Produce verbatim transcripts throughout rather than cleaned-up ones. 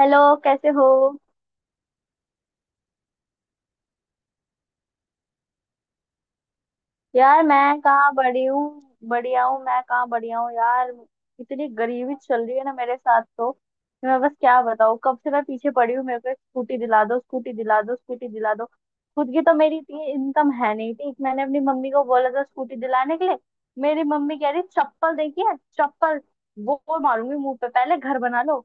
Hello. कैसे हो? यार मैं कहाँ बड़ी हूँ, बढ़िया हूँ, मैं कहाँ बढ़िया हूँ यार। इतनी गरीबी चल रही है ना मेरे साथ तो मैं बस क्या बताऊँ, कब से मैं पीछे पड़ी हूँ, मेरे को एक स्कूटी दिला दो, स्कूटी दिला दो, स्कूटी दिला दो। खुद की तो मेरी इतनी इनकम है नहीं, ठीक, मैंने अपनी मम्मी को बोला था स्कूटी दिलाने के लिए। मेरी मम्मी कह रही चप्पल देखी है चप्पल, वो वो मारूंगी मुंह पे, पहले घर बना लो।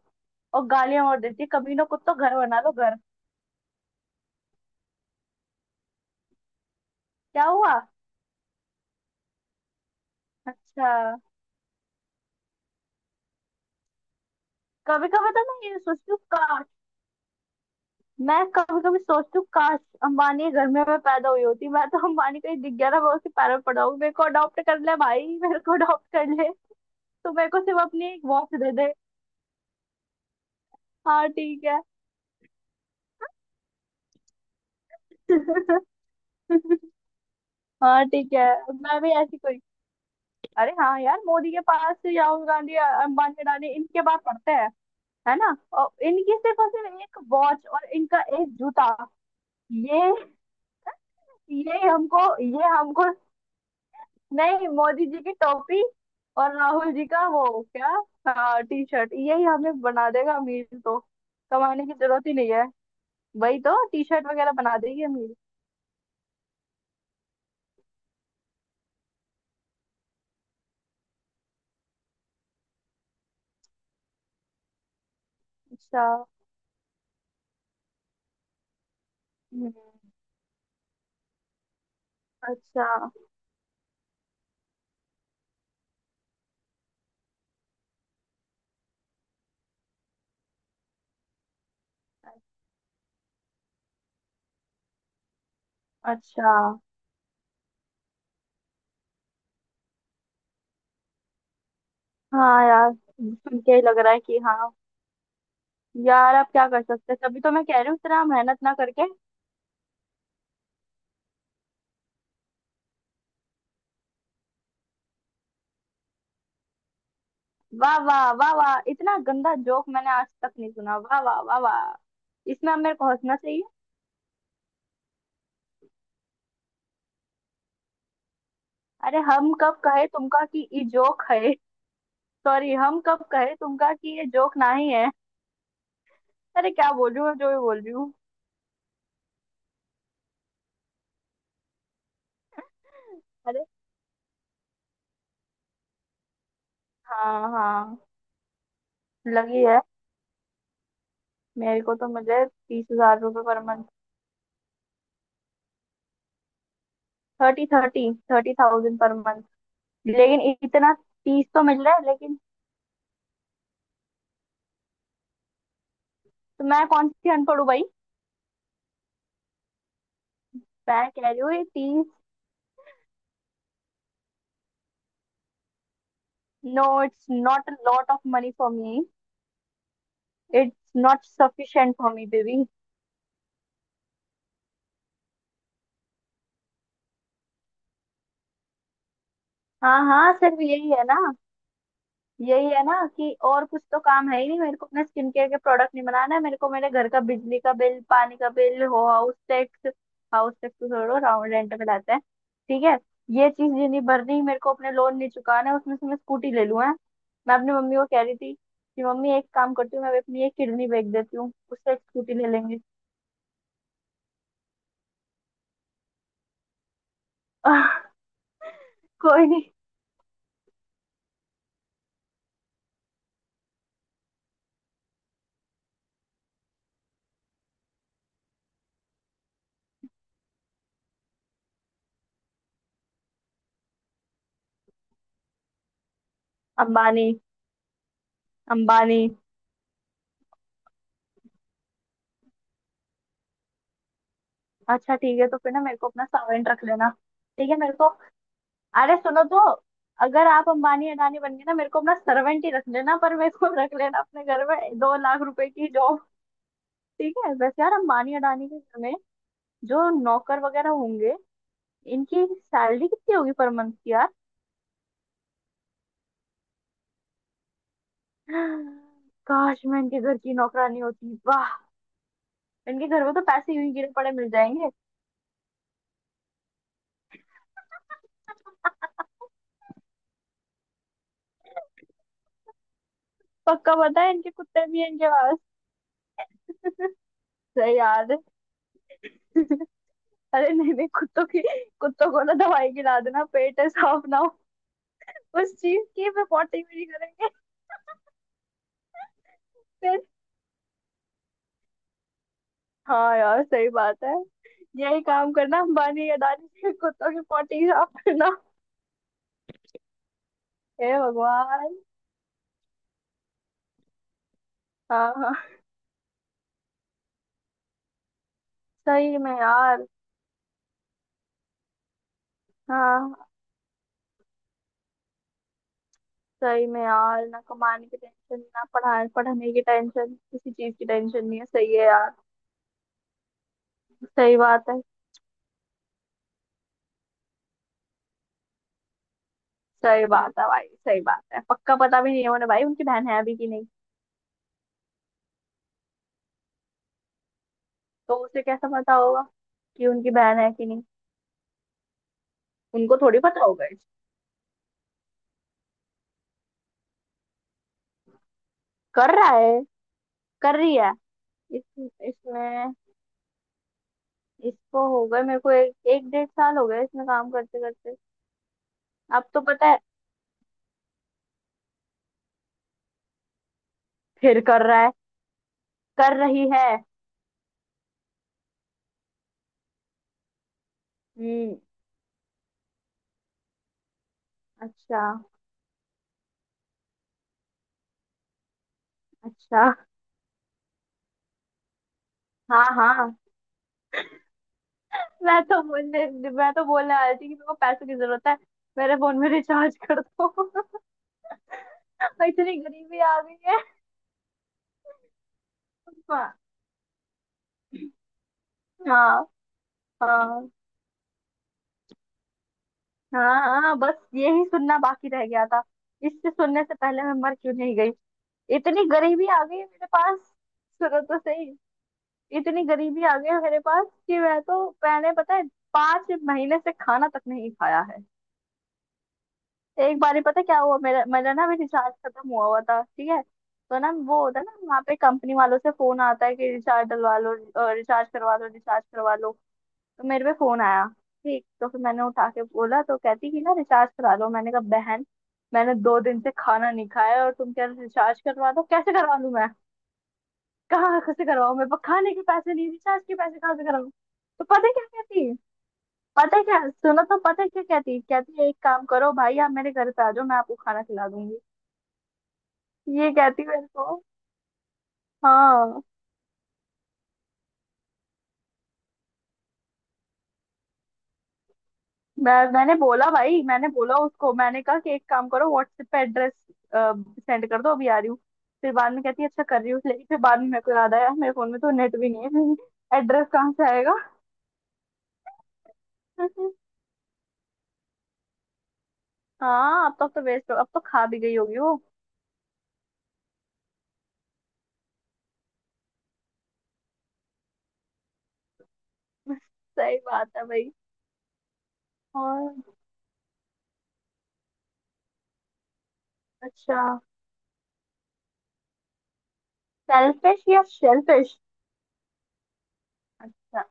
और गालियां और देती कमीनों को, तो घर बना लो घर। क्या हुआ? अच्छा। कभी कभी तो मैं ये सोचती हूँ। मैं कभी कभी सोचती हूँ, काश अंबानी घर में मैं पैदा हुई होती, मैं तो अंबानी कहीं दिख गया ना, मैं उसके पैरों में पड़ा हूँ, मेरे को अडॉप्ट कर ले भाई, मेरे को अडॉप्ट कर ले। तो मेरे को सिर्फ अपनी एक वॉच दे दे। हाँ ठीक है। हाँ ठीक है। मैं भी ऐसी कोई। अरे हाँ यार, मोदी के पास, राहुल गांधी, अंबानी, अडानी, इनके पास पढ़ते हैं। है ना? और इनकी सिर्फ और सिर्फ एक वॉच और इनका एक जूता, ये ये हमको ये हमको नहीं, मोदी जी की टोपी और राहुल जी का वो। क्या? हाँ टी शर्ट, यही हमें बना देगा अमीर तो। कमाने की जरूरत ही नहीं है। वही तो, टी शर्ट वगैरह बना देगी अमीर। अच्छा। हम्म। अच्छा। अच्छा। हाँ यार, सुन के ही लग रहा है कि हाँ। यार अब क्या कर सकते हैं, तभी तो मैं कह रही हूँ इतना मेहनत ना करके। वाह वाह वाह वाह, इतना गंदा जोक मैंने आज तक नहीं सुना, वाह वाह वाह वाह। इसमें अब मेरे को हंसना चाहिए। अरे हम कब कहे तुमका कि ये जोक है? सॉरी, हम कब कहे तुमका कि ये जोक ना ही है? अरे क्या बोल रही हूँ मैं, जो भी बोल रही हूँ। अरे। हाँ हाँ। लगी है। मेरे को तो, मुझे तीस हजार रुपये per month. Thirty thirty. Thirty thousand per month. लेकिन इतना, तीस तो मिल रहा है लेकिन। तो मैं कौन सी अनपढ़ हूँ भाई। मैं कह रही हूँ ये तीस। No it's not a lot of money for me. It's not sufficient for me baby. हाँ हाँ, सिर्फ यही है ना। यही है ना कि और कुछ तो काम है ही नहीं, मेरे को अपने स्किन केयर के प्रोडक्ट नहीं बनाना है, मेरे को मेरे घर का बिजली का बिल, पानी का बिल हो, हाउस टैक्स। हाउस टैक्स तो छोड़ो, राउंड रेंट में लाते हैं। ठीक है। ये चीज ये नहीं भरनी मेरे को, अपने लोन नहीं चुकाना है, उसमें से मैं स्कूटी ले लूँ है। मैं अपनी मम्मी को कह रही थी कि मम्मी, एक काम करती हूँ, मैं अपनी एक किडनी बेच देती हूँ, उससे एक स्कूटी ले लेंगे। कोई नहीं। अंबानी। अंबानी। अच्छा ठीक है, तो फिर ना मेरे को अपना सावेंट रख लेना। ठीक है मेरे को। अरे सुनो तो, अगर आप अंबानी अडानी बन गए ना, मेरे को अपना सर्वेंट ही रख लेना, पर मेरे को रख लेना अपने घर में, दो लाख रुपए की जॉब। ठीक है। वैसे यार, अंबानी अडानी के घर में जो नौकर वगैरह होंगे, इनकी सैलरी कितनी होगी पर मंथ की यार। काश मैं इनके घर की नौकरानी होती, वाह। इनके घर में तो पैसे यूं ही गिरे पड़े मिल जाएंगे। पक्का पता है, इनके कुत्ते भी हैं इनके पास। सही याद है। अरे नहीं नहीं, कुत्तों की। कुत्तों को ना दवाई खिला देना, पेट है साफ ना, उस चीज की मैं पोर्टेबिलिटी करेंगे। फिर। हाँ यार, सही बात है। यही काम करना, अंबानी अडानी के कुत्तों की पोटी साफ करना। हे भगवान। हाँ हाँ। सही में यार। हाँ। सही में यार, ना कमाने की टेंशन, ना पढ़ाने पढ़ने की टेंशन, किसी चीज की टेंशन नहीं है, सही है यार। सही बात है। सही बात है भाई, सही बात है, पक्का पता भी नहीं है उन्हें भाई, उनकी बहन है अभी कि नहीं। तो उसे कैसा पता होगा कि उनकी बहन है कि नहीं? उनको थोड़ी पता होगा। कर रहा है, कर रही है। इस इसमें इसको हो गए मेरे को एक एक डेढ़ साल हो गया, इसमें काम करते करते। अब तो पता है। फिर कर रहा है, कर रही है। हम्म। अच्छा। अच्छा। हाँ हाँ। मैं तो बोलने। मैं तो बोलने वाली थी कि मेरे को पैसों की जरूरत है, मेरे फोन में रिचार्ज कर दो। इतनी गरीबी आ गई है। हाँ। हाँ। हाँ हाँ, बस यही सुनना बाकी रह गया था। इससे सुनने से पहले मैं मर क्यों नहीं गई। इतनी गरीबी आ गई है मेरे पास। सुनो तो सही, इतनी गरीबी आ गई है मेरे पास कि मैं तो, मैंने पता है, पांच महीने से खाना तक नहीं खाया है। एक बार ही पता क्या हुआ, मेरा मेरा ना अभी रिचार्ज खत्म हुआ हुआ था, ठीक है। तो ना वो होता है ना, वहाँ पे कंपनी वालों से फोन आता है कि रिचार्ज डलवा लो, रिचार्ज करवा लो, रिचार्ज करवा लो। तो मेरे पे फोन आया। ठीक, तो फिर मैंने उठा के बोला, तो कहती कि ना रिचार्ज करा लो। मैंने कहा बहन, मैंने दो दिन से खाना नहीं खाया और तुम क्या रिचार्ज करवा दो, कैसे करवा लूं मैं। कहाँ से करवाऊँ, मेरे पास खाने के पैसे नहीं, रिचार्ज के पैसे कहाँ से कराऊँ। तो पता है क्या कहती है? पता है क्या, सुनो तो, पता है क्या कहती है? कहती है एक काम करो भाई, आप मेरे घर पे आ जाओ, मैं आपको खाना खिला दूंगी। ये कहती है मेरे को। हाँ। मैं मैंने बोला भाई, मैंने बोला उसको, मैंने कहा कि एक काम करो, व्हाट्सएप पे एड्रेस सेंड कर दो, अभी आ रही हूँ। फिर बाद में कहती है अच्छा कर रही हूँ, लेकिन फिर बाद में मेरे को याद आया मेरे फोन में तो नेट भी नहीं है। एड्रेस कहाँ से आएगा। हाँ अब तक तो वेस्ट हो, अब तो खा भी गई होगी वो। सही बात है भाई। और। अच्छा। सेल्फिश या शेलफिश? अच्छा।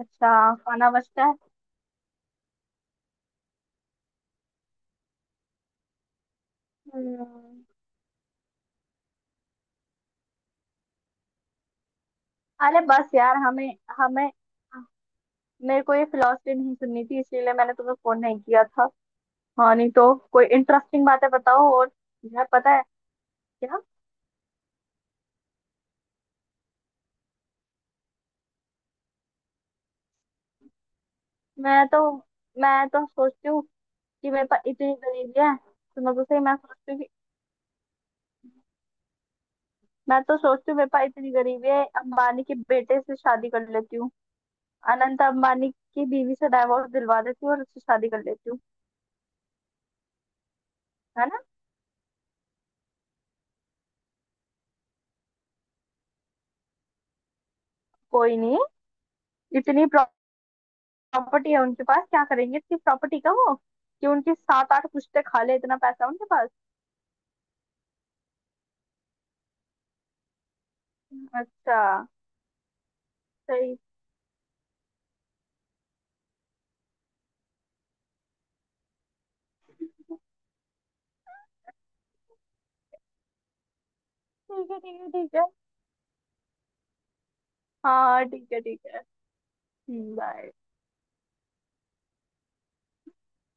अच्छा खाना बचता है। हम्म। अरे बस यार, हमें हमें मेरे को ये फिलोसफी नहीं सुननी थी, इसीलिए मैंने तुम्हें फोन नहीं किया था। हाँ, नहीं तो कोई इंटरेस्टिंग बातें बताओ और। यार पता है क्या। मैं तो मैं तो सोचती हूँ कि मेरे पास इतनी गरीबी है, सुनो तो सही, मैं सोचती हूँ कि मैं तो सोचती हूँ मेरे पास इतनी गरीबी है, अंबानी के बेटे से शादी कर लेती हूँ। अनंत अंबानी की बीवी से डाइवोर्स दिलवा देती हूँ और उससे शादी कर लेती हूँ। है ना? कोई नहीं। इतनी प्रॉपर्टी है उनके पास, क्या करेंगे इतनी प्रॉपर्टी का वो, कि उनकी सात आठ पुश्ते खा ले, इतना पैसा उनके पास। अच्छा। सही। ठीक है, ठीक है, ठीक है। हाँ ठीक है, ठीक है। बाय।